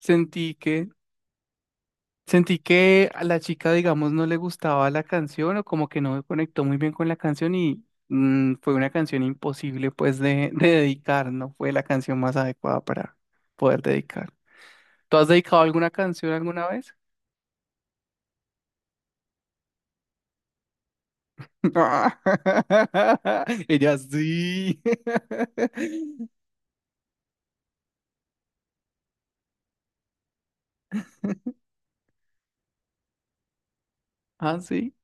Sentí que, sentí que a la chica, digamos, no le gustaba la canción o como que no conectó muy bien con la canción y fue una canción imposible pues de dedicar, no fue la canción más adecuada para poder dedicar. ¿Tú has dedicado alguna canción alguna vez? Ella sí. Ah, sí.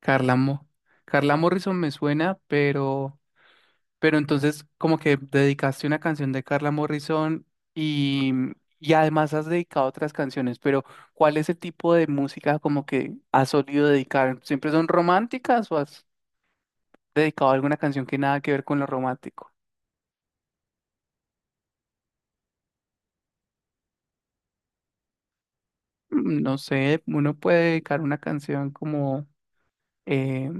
Carla Mo. Carla Morrison me suena, pero entonces, como que dedicaste una canción de Carla Morrison y, y además has dedicado otras canciones, pero ¿cuál es el tipo de música como que has solido dedicar? ¿Siempre son románticas o has dedicado alguna canción que nada que ver con lo romántico? Mm, no sé, uno puede dedicar una canción como, eh,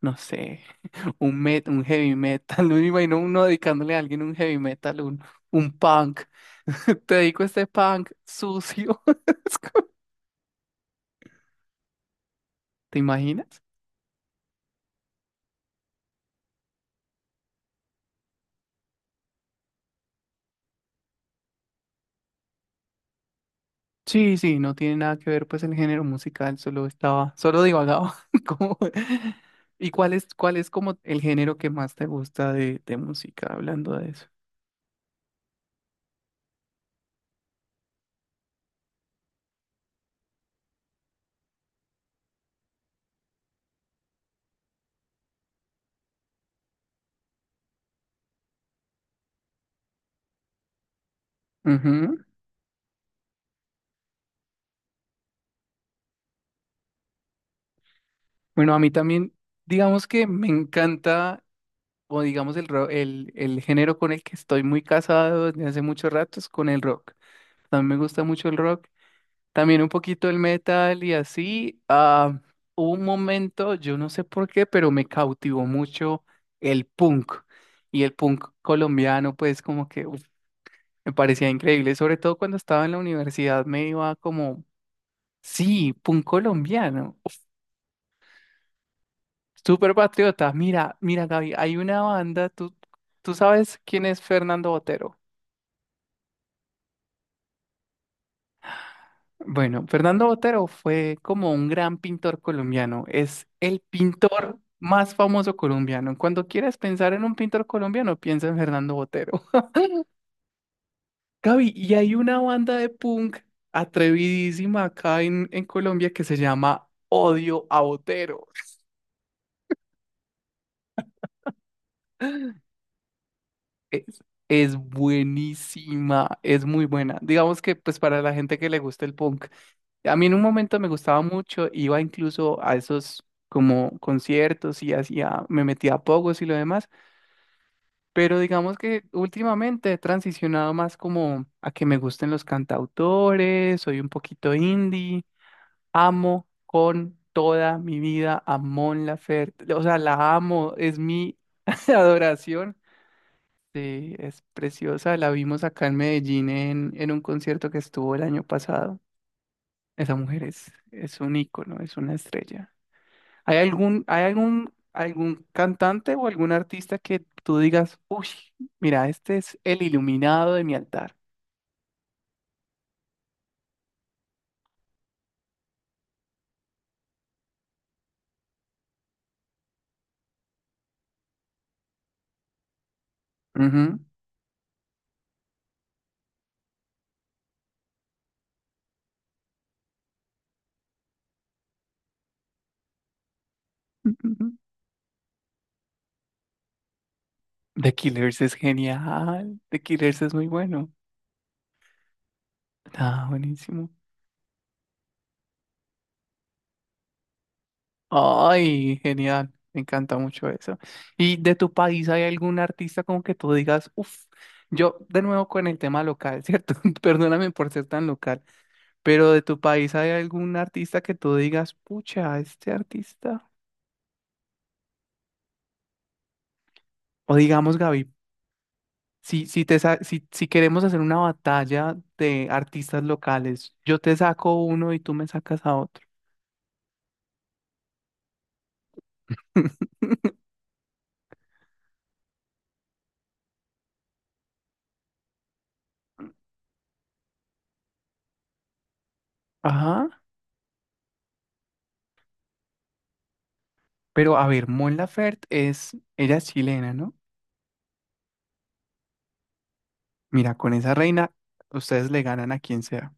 no sé, un heavy metal. No me imagino uno dedicándole a alguien un heavy metal, un punk. Te dedico este punk sucio. ¿Te imaginas? Sí, sí, no tiene nada que ver pues el género musical, solo divagaba. Como- ¿Y cuál es como el género que más te gusta de música, hablando de eso? Ujú. Bueno, a mí también, digamos que me encanta, o digamos el también un poquito el metal y así. Hubo un momento, yo no sé por qué, pero me cautivó mucho el punk. Y el punk colombiano, pues como que uf, me parecía increíble. Sobre todo cuando estaba en la universidad me iba como, sí, punk colombiano. Uf, súper patriota. Mira, mira, Gaby, hay una banda, tú sabes quién es Fernando Botero. Bueno, Fernando Botero fue como un gran pintor colombiano, es el pintor más famoso colombiano. Cuando quieras pensar en un pintor colombiano, piensa en Fernando Botero. Gaby, y hay una banda de punk atrevidísima acá en Colombia que se llama Odio a Botero. Es, es buenísima, es muy buena. Digamos que pues para la gente que le gusta el punk. A mí en un momento me gustaba mucho, iba incluso a esos como conciertos y hacía, me metía a pogos y lo demás, pero digamos que últimamente he transicionado más como a que me gusten los cantautores, soy un poquito indie, amo con toda mi vida a Mon Laferte, o sea, la amo, es mi adoración. Sí, es preciosa. La vimos acá en Medellín en un concierto que estuvo el año pasado. Esa mujer es un ícono, es una estrella. Hay algún, algún cantante o algún artista que tú digas, uy, mira, este es el iluminado de mi altar? Ujú. Ujú, The Killers es genial. The Killers es muy bueno. Ah, buenísimo. Ay, genial. Me encanta mucho eso. ¿Y de tu país hay algún artista como que tú digas, uff, yo de nuevo con el tema local, ¿cierto? Perdóname por ser tan local, pero de tu país hay algún artista que tú digas, pucha, este artista? O digamos, Gaby, si, si, te sa- si, si queremos hacer una batalla de artistas locales, yo te saco uno y tú me sacas a otro. Ajá, pero a ver, Mon Laferte es, ella es chilena, ¿no? Mira, con esa reina ustedes le ganan a quien sea.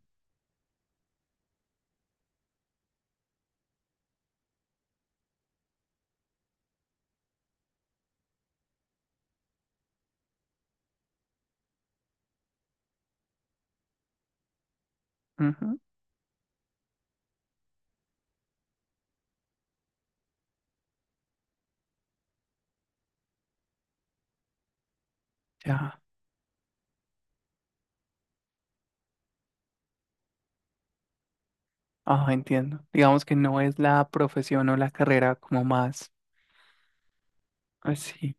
Ujú, ya, ah, entiendo. Digamos que no es la profesión o la carrera como más. Ah, sí.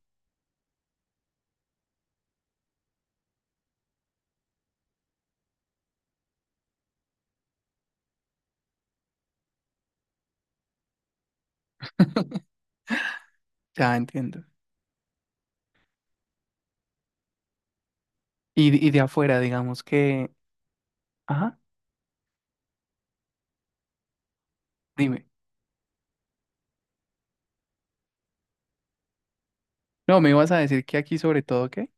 Ya entiendo. Y de afuera, digamos que... Ajá, dime. No, me ibas a decir que aquí sobre todo, ¿qué?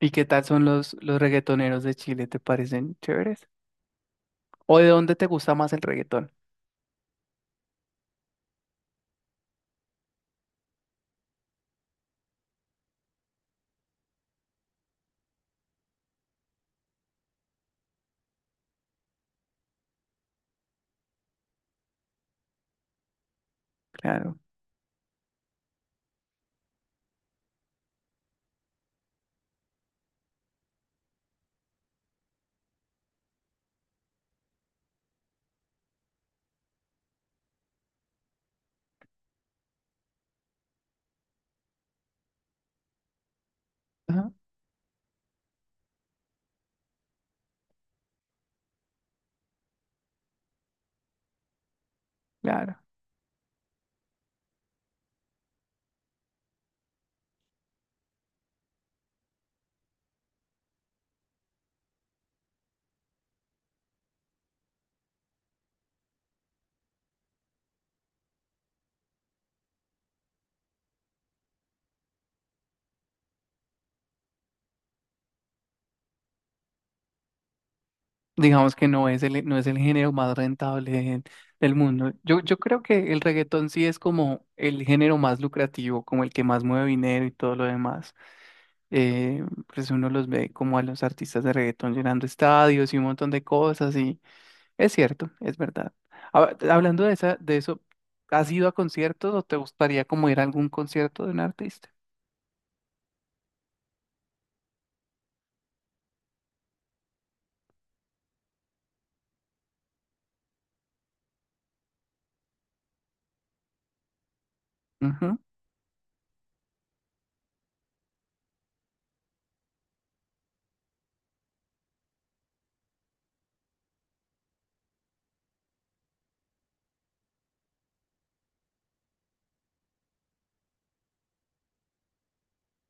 ¿Y qué tal son los reggaetoneros de Chile? ¿Te parecen chéveres? ¿O de dónde te gusta más el reggaetón? Claro. Ajá, claro. Digamos que no es no es el género más rentable de- del mundo. Yo creo que el reggaetón sí es como el género más lucrativo, como el que más mueve dinero y todo lo demás. Eh, pues uno los ve como a los artistas de reggaetón llenando estadios y un montón de cosas y es cierto, es verdad. Hablando de esa, de eso, ¿has ido a conciertos o te gustaría como ir a algún concierto de un artista? Ujú.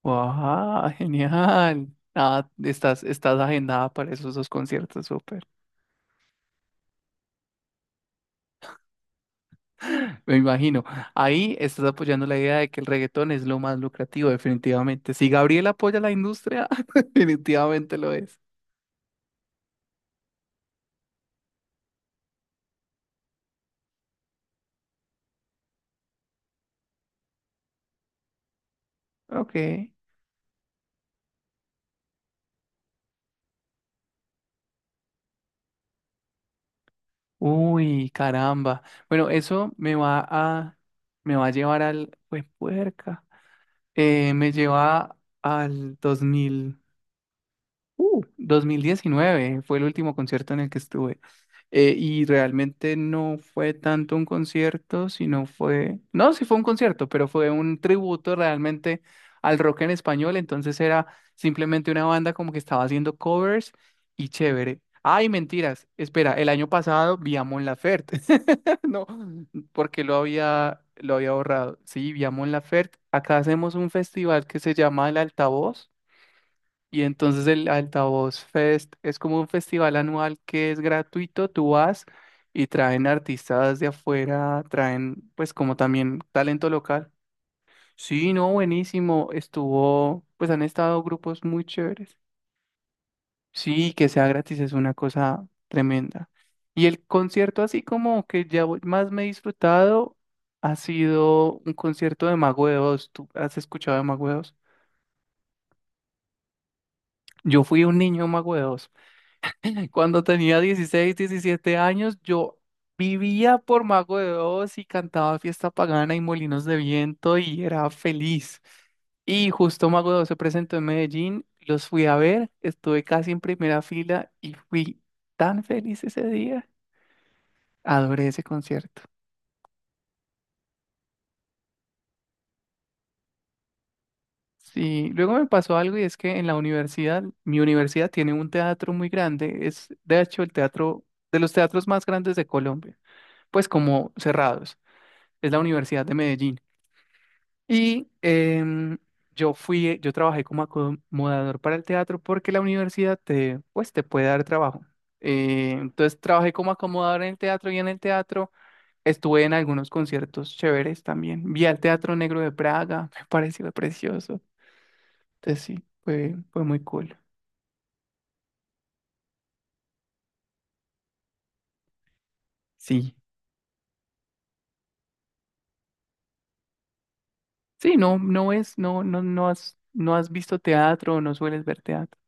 ¡Guau! Genial. Ah, estás agendada para esos dos conciertos, súper. Me imagino. Ahí estás apoyando la idea de que el reggaetón es lo más lucrativo, definitivamente. Si Gabriel apoya la industria, definitivamente lo es. Ok. Uy, caramba. Bueno, eso me va a llevar al, pues, puerca. Me lleva al 2000. 2019 fue el último concierto en el que estuve. Y realmente no fue tanto un concierto, sino fue, no, sí fue un concierto, pero fue un tributo realmente al rock en español, entonces era simplemente una banda como que estaba haciendo covers y chévere. Ay, mentiras, espera, el año pasado vi a Mon Laferte, no, porque lo había borrado. Sí, vi a Mon Laferte, acá hacemos un festival que se llama El Altavoz y entonces el Altavoz Fest es como un festival anual que es gratuito, tú vas y traen artistas de afuera, traen pues como también talento local. Sí, no, buenísimo, estuvo, pues han estado grupos muy chéveres. Sí, que sea gratis es una cosa tremenda. Y el concierto así como que más me he disfrutado ha sido un concierto de Mago de Oz. ¿Tú has escuchado de Mago de Oz? Yo fui un niño Mago de Oz. Cuando tenía 16, 17 años, yo vivía por Mago de Oz y cantaba Fiesta Pagana y Molinos de Viento y era feliz. Y justo Mago de Oz se presentó en Medellín, los fui a ver, estuve casi en primera fila y fui tan feliz ese día. Adoré ese concierto. Sí, luego me pasó algo y es que en la universidad, mi universidad tiene un teatro muy grande, es de hecho el teatro de los teatros más grandes de Colombia, pues como cerrados. Es la Universidad de Medellín. Y yo trabajé como acomodador para el teatro porque la universidad te, pues, te puede dar trabajo. Entonces trabajé como acomodador en el teatro y en el teatro estuve en algunos conciertos chéveres también. Vi al Teatro Negro de Praga, me pareció precioso. Entonces sí, fue muy cool. Sí. Sí, no has, no has visto teatro, no sueles ver teatro.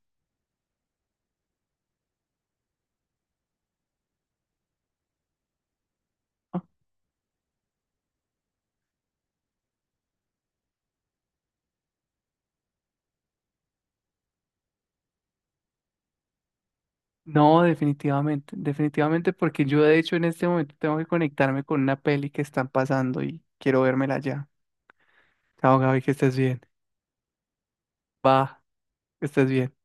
No, definitivamente, definitivamente, porque yo de hecho en este momento tengo que conectarme con una peli que están pasando y quiero vérmela ya. Chao, Gaby, que estés bien. Va, que estés bien.